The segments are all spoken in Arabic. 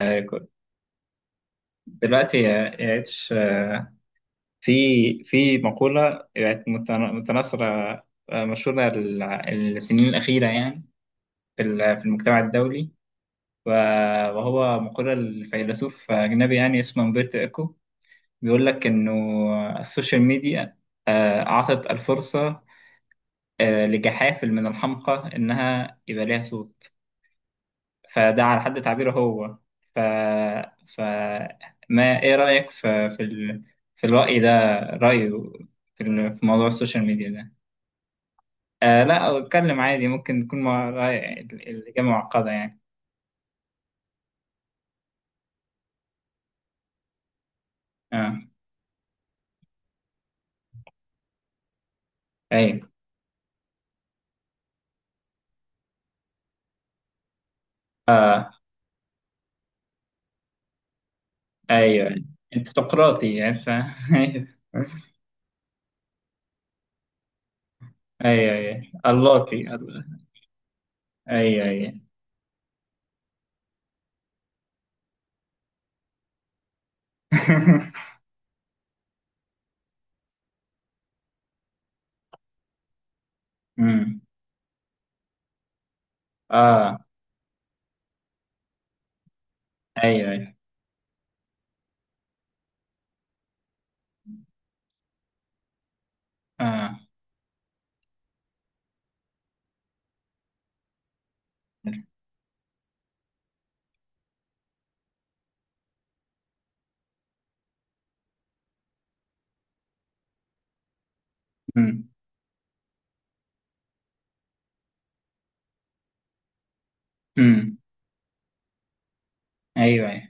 آه، كنت- دلوقتي يا اتش في في مقولة يعني متناثرة، مشهورة السنين الأخيرة يعني في المجتمع الدولي، و- وهو مقولة الفيلسوف أجنبي يعني اسمه أمبرتو إيكو. بيقول لك إنه السوشيال ميديا أعطت الفرصة لجحافل من الحمقى إنها يبقى ليها صوت. فده على حد تعبيره هو. ف ف ما ايه رأيك في الرأي ده، رأيه في موضوع السوشيال ميديا ده. لا، اتكلم عادي، ممكن تكون مع رأي، الإجابة معقدة يعني. اه. ايوه. اه. ايوه. انت سقراطي يعني ايوه، ايوه. ايوه، اللوطي ايوه، ايوه. أمم. اه. ايوه، ايوه. اه. أمم. أمم. ايوه، ايوه.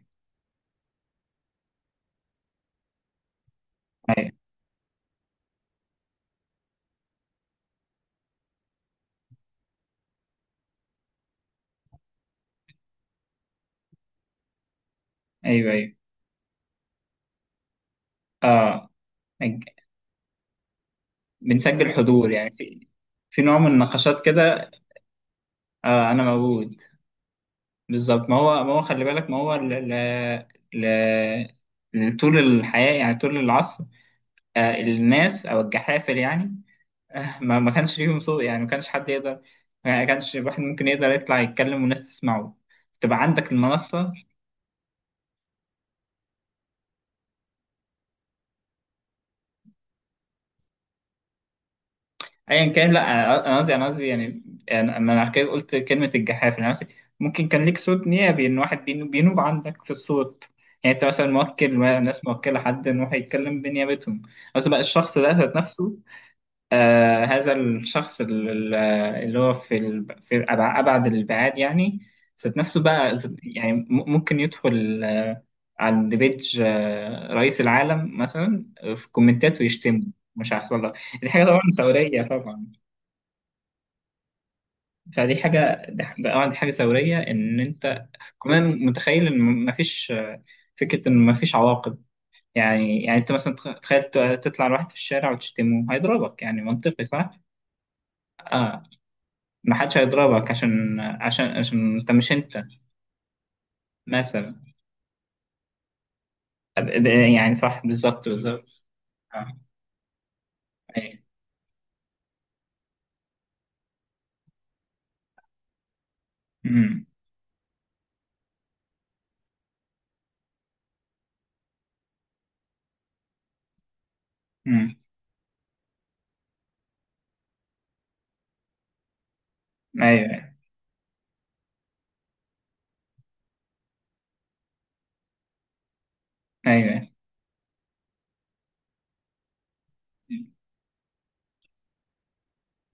ايوه، ايوه، ايوه. اه. نج- بنسجل حضور يعني في نوع من النقاشات كده. انا موجود. بالظبط، ما هو خلي بالك، ما هو طول الحياة يعني طول العصر، الناس او الجحافل يعني، ما كانش ليهم صوت يعني، ما كانش حد يقدر، ما كانش واحد ممكن يقدر يطلع يتكلم والناس تسمعه، تبقى عندك المنصة. ايا كان، لا، انا قصدي، يعني، انا على كده قلت كلمه الجحافل، انا قصدي ممكن كان ليك صوت نيابي، ان واحد بينوب عندك في الصوت، يعني انت مثلا موكل ناس، موكله حد ان هو هيتكلم بنيابتهم. قصدي بقى الشخص ده ذات نفسه، هذا الشخص اللي هو في ال- في أبع- ابعد الابعاد يعني، ذات نفسه بقى، يعني ممكن يدخل، عند بيج، رئيس العالم مثلا، في الكومنتات ويشتمه، مش هيحصل لك. دي حاجه طبعا ثوريه، طبعا. فدي حاجة، ده ده اه دي حاجة ثورية إن أنت كمان متخيل إن مفيش، فكرة إن مفيش عواقب. يعني أنت مثلا تخيل تطلع لواحد في الشارع وتشتمه، هيضربك، يعني منطقي صح؟ آه محدش هيضربك، عشان أنت مش أنت مثلا. أب- أب- يعني صح، بالظبط، بالظبط. آه، أيوه. أمم، أمم، أيوه، أيوه،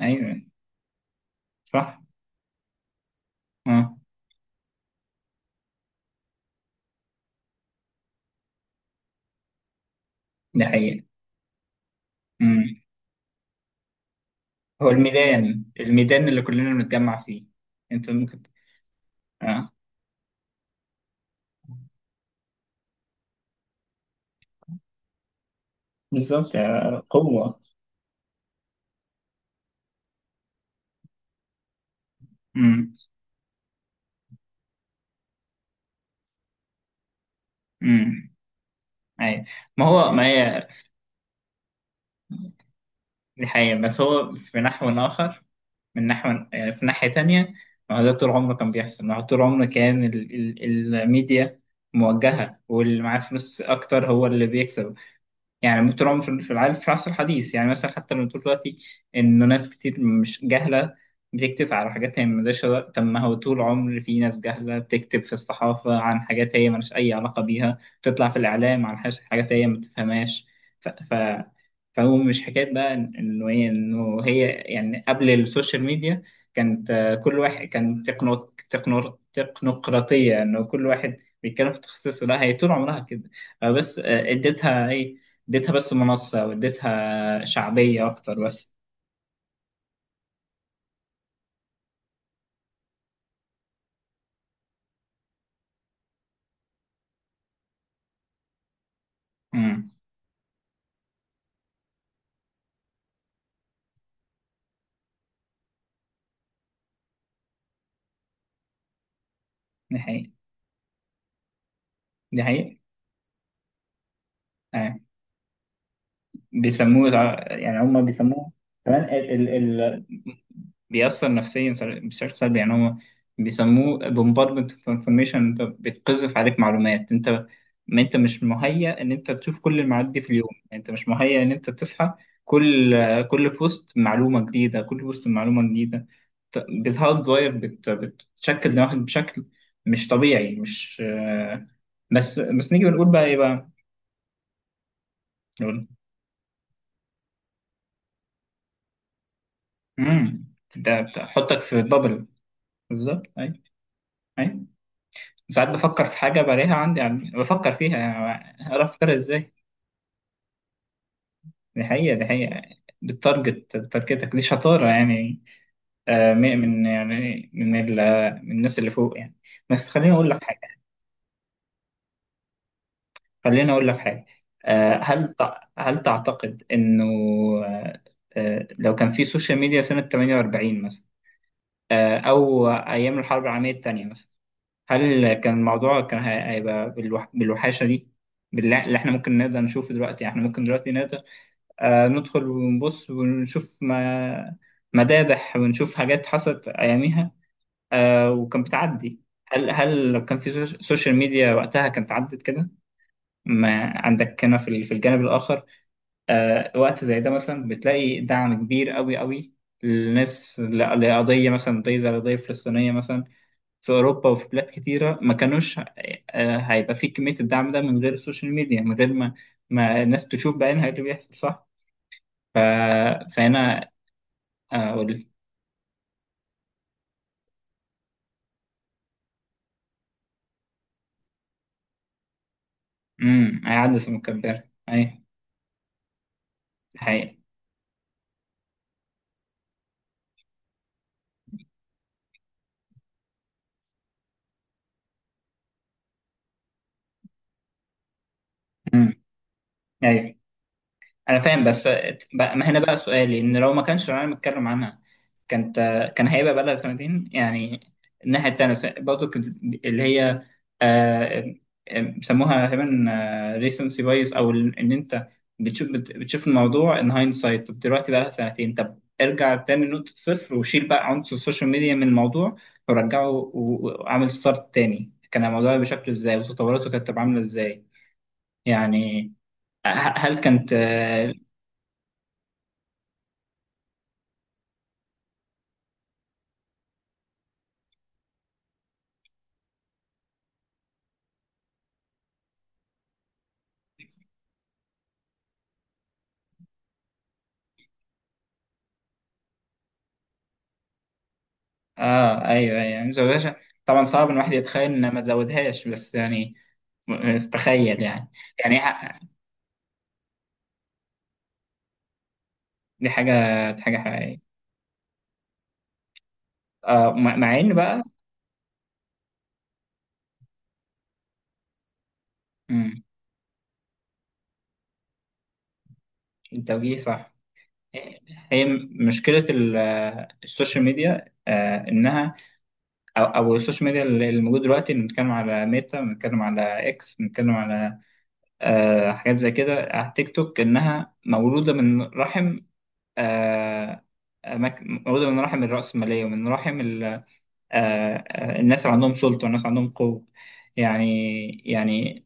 أيوه، صح. آه. ده حقيقة. أمم. هو الميدان، الميدان اللي كلنا بنتجمع فيه، أنت ممكن. اه. بالظبط يعني قوة. امم. امم. اي. ما هي دي حقيقة، بس هو في نحو آخر، من نحو يعني، في ناحية تانية. ما هو ده طول عمره كان بيحصل، ما هو طول عمره كان الميديا موجهة، واللي معاه فلوس أكتر هو اللي بيكسب. يعني مترام في العالم في العصر الحديث، يعني مثلا حتى لما تقول دلوقتي إنه ناس كتير مش جهلة بتكتب على حاجات هي طب ما هو طول عمر في ناس جهلة بتكتب في الصحافة عن حاجات هي ملهاش أي علاقة بيها، بتطلع في الإعلام عن حاجات، هي ما تفهمهاش. ف... ف... فهو مش حكاية بقى إنه هي يعني قبل السوشيال ميديا كانت، كل واحد كان تكنوقراطية، إنه كل واحد بيتكلم في تخصصه. لا هي طول عمرها كده، بس اديتها إيه، اديتها بس منصة واديتها شعبية أكتر بس. امم. دي حقيقة. دي حقيقة. آه. بيسموه يعني هم بيسموه كمان، ال ال ال بيأثر نفسيا بشكل سلبي. يعني هم بيسموه bombardment of information، انت بتقذف عليك معلومات، انت ما انت مش مهيأ ان انت تشوف كل المعلومات دي في اليوم، يعني انت مش مهيأ ان انت تصحى، كل كل بوست معلومة جديدة، كل بوست معلومة جديدة، بتهارد واير، بتشكل دماغك بشكل مش طبيعي، مش آه، بس نيجي بنقول بقى ايه بقى. امم. ده بتحطك في بابل. بالظبط. اي. اي. ساعات بفكر في حاجه بلاقيها عندي، يعني بفكر فيها، يعني اعرف افكر ازاي. دي حقيقه، دي حقيقه. بالتارجت، بتارجتك، دي شطاره يعني، يعني من الناس اللي فوق يعني. بس خليني اقول لك حاجه، خليني اقول لك حاجه. هل تعتقد انه، آه، لو كان في سوشيال ميديا سنه 48 مثلا، او ايام الحرب العالميه الثانيه مثلا، هل كان الموضوع كان هيبقى بالوحاشة دي؟ بالله، اللي احنا ممكن نقدر نشوفه دلوقتي، احنا ممكن دلوقتي نقدر ندخل ونبص ونشوف ما... مذابح ونشوف حاجات حصلت أياميها، وكان بتعدي. هل لو كان في سوشيال ميديا وقتها كانت عدت كده؟ ما عندك هنا في الجانب الآخر، وقت زي ده مثلا بتلاقي دعم كبير قوي قوي للناس، لقضية مثلا، قضية زي القضية الفلسطينية مثلا، في أوروبا وفي بلاد كتيرة ما كانوش، هيبقى في كمية الدعم ده من غير السوشيال ميديا، من غير ما ما الناس تشوف بعينها إيه اللي بيحصل، صح؟ ف... فهنا أقول. امم. هيعدي سنة مكبرة، أيوة. دي حقيقة. امم. أيوة. انا فاهم، بس بقى، ما هنا بقى سؤالي، ان لو ما كانش العالم اتكلم عنها كانت، هيبقى بقى لها سنتين يعني؟ الناحيه التانيه برضو كانت، اللي هي آه، بيسموها تقريبا ريسنسي بايس، او ان انت بتشوف، بتشوف الموضوع ان هايند سايت. طب دلوقتي بقى لها سنتين، طب ارجع تاني لنقطه صفر وشيل بقى عنصر السوشيال ميديا من الموضوع، ورجعه وعمل ستارت تاني، كان الموضوع بشكل ازاي وتطوراته كانت تبقى عامله ازاي، يعني هل كانت. اه. ايوه، ايوه. ما مزودهاش، طبعا صعب ان الواحد يتخيل ان ما تزودهاش، بس يعني، تخيل يعني، يعني دي حاجه، دي حاجه حقيقيه. مع ان بقى، مم، التوجيه صح. هي مشكله السوشيال ميديا، انها، او السوشيال ميديا اللي موجود دلوقتي، اللي بنتكلم على ميتا، بنتكلم على اكس، بنتكلم على حاجات زي كده، على تيك توك، انها مولوده من رحم، آه مولوده من رحم الرأسمالية، ومن رحم الناس اللي عندهم سلطة والناس اللي عندهم قوة، يعني يعني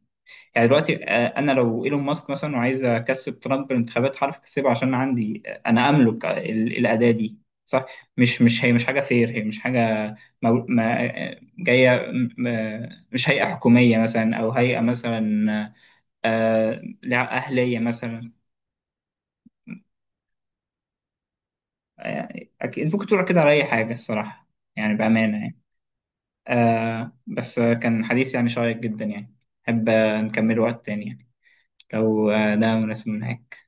يعني دلوقتي، انا لو ايلون ماسك مثلا وعايز اكسب ترامب بالانتخابات هعرف اكسبه، عشان عندي، انا املك الاداة دي. صح. مش هي مش حاجة فير، هي مش حاجة ما جاية مش هيئة حكومية مثلا او هيئة مثلا اهلية مثلا. آه، اكيد ممكن تقول كده على اي حاجة الصراحة، يعني بأمانة يعني. بس كان حديث يعني شيق جدا يعني، أحب نكمله وقت تاني يعني لو ده مناسب معاك.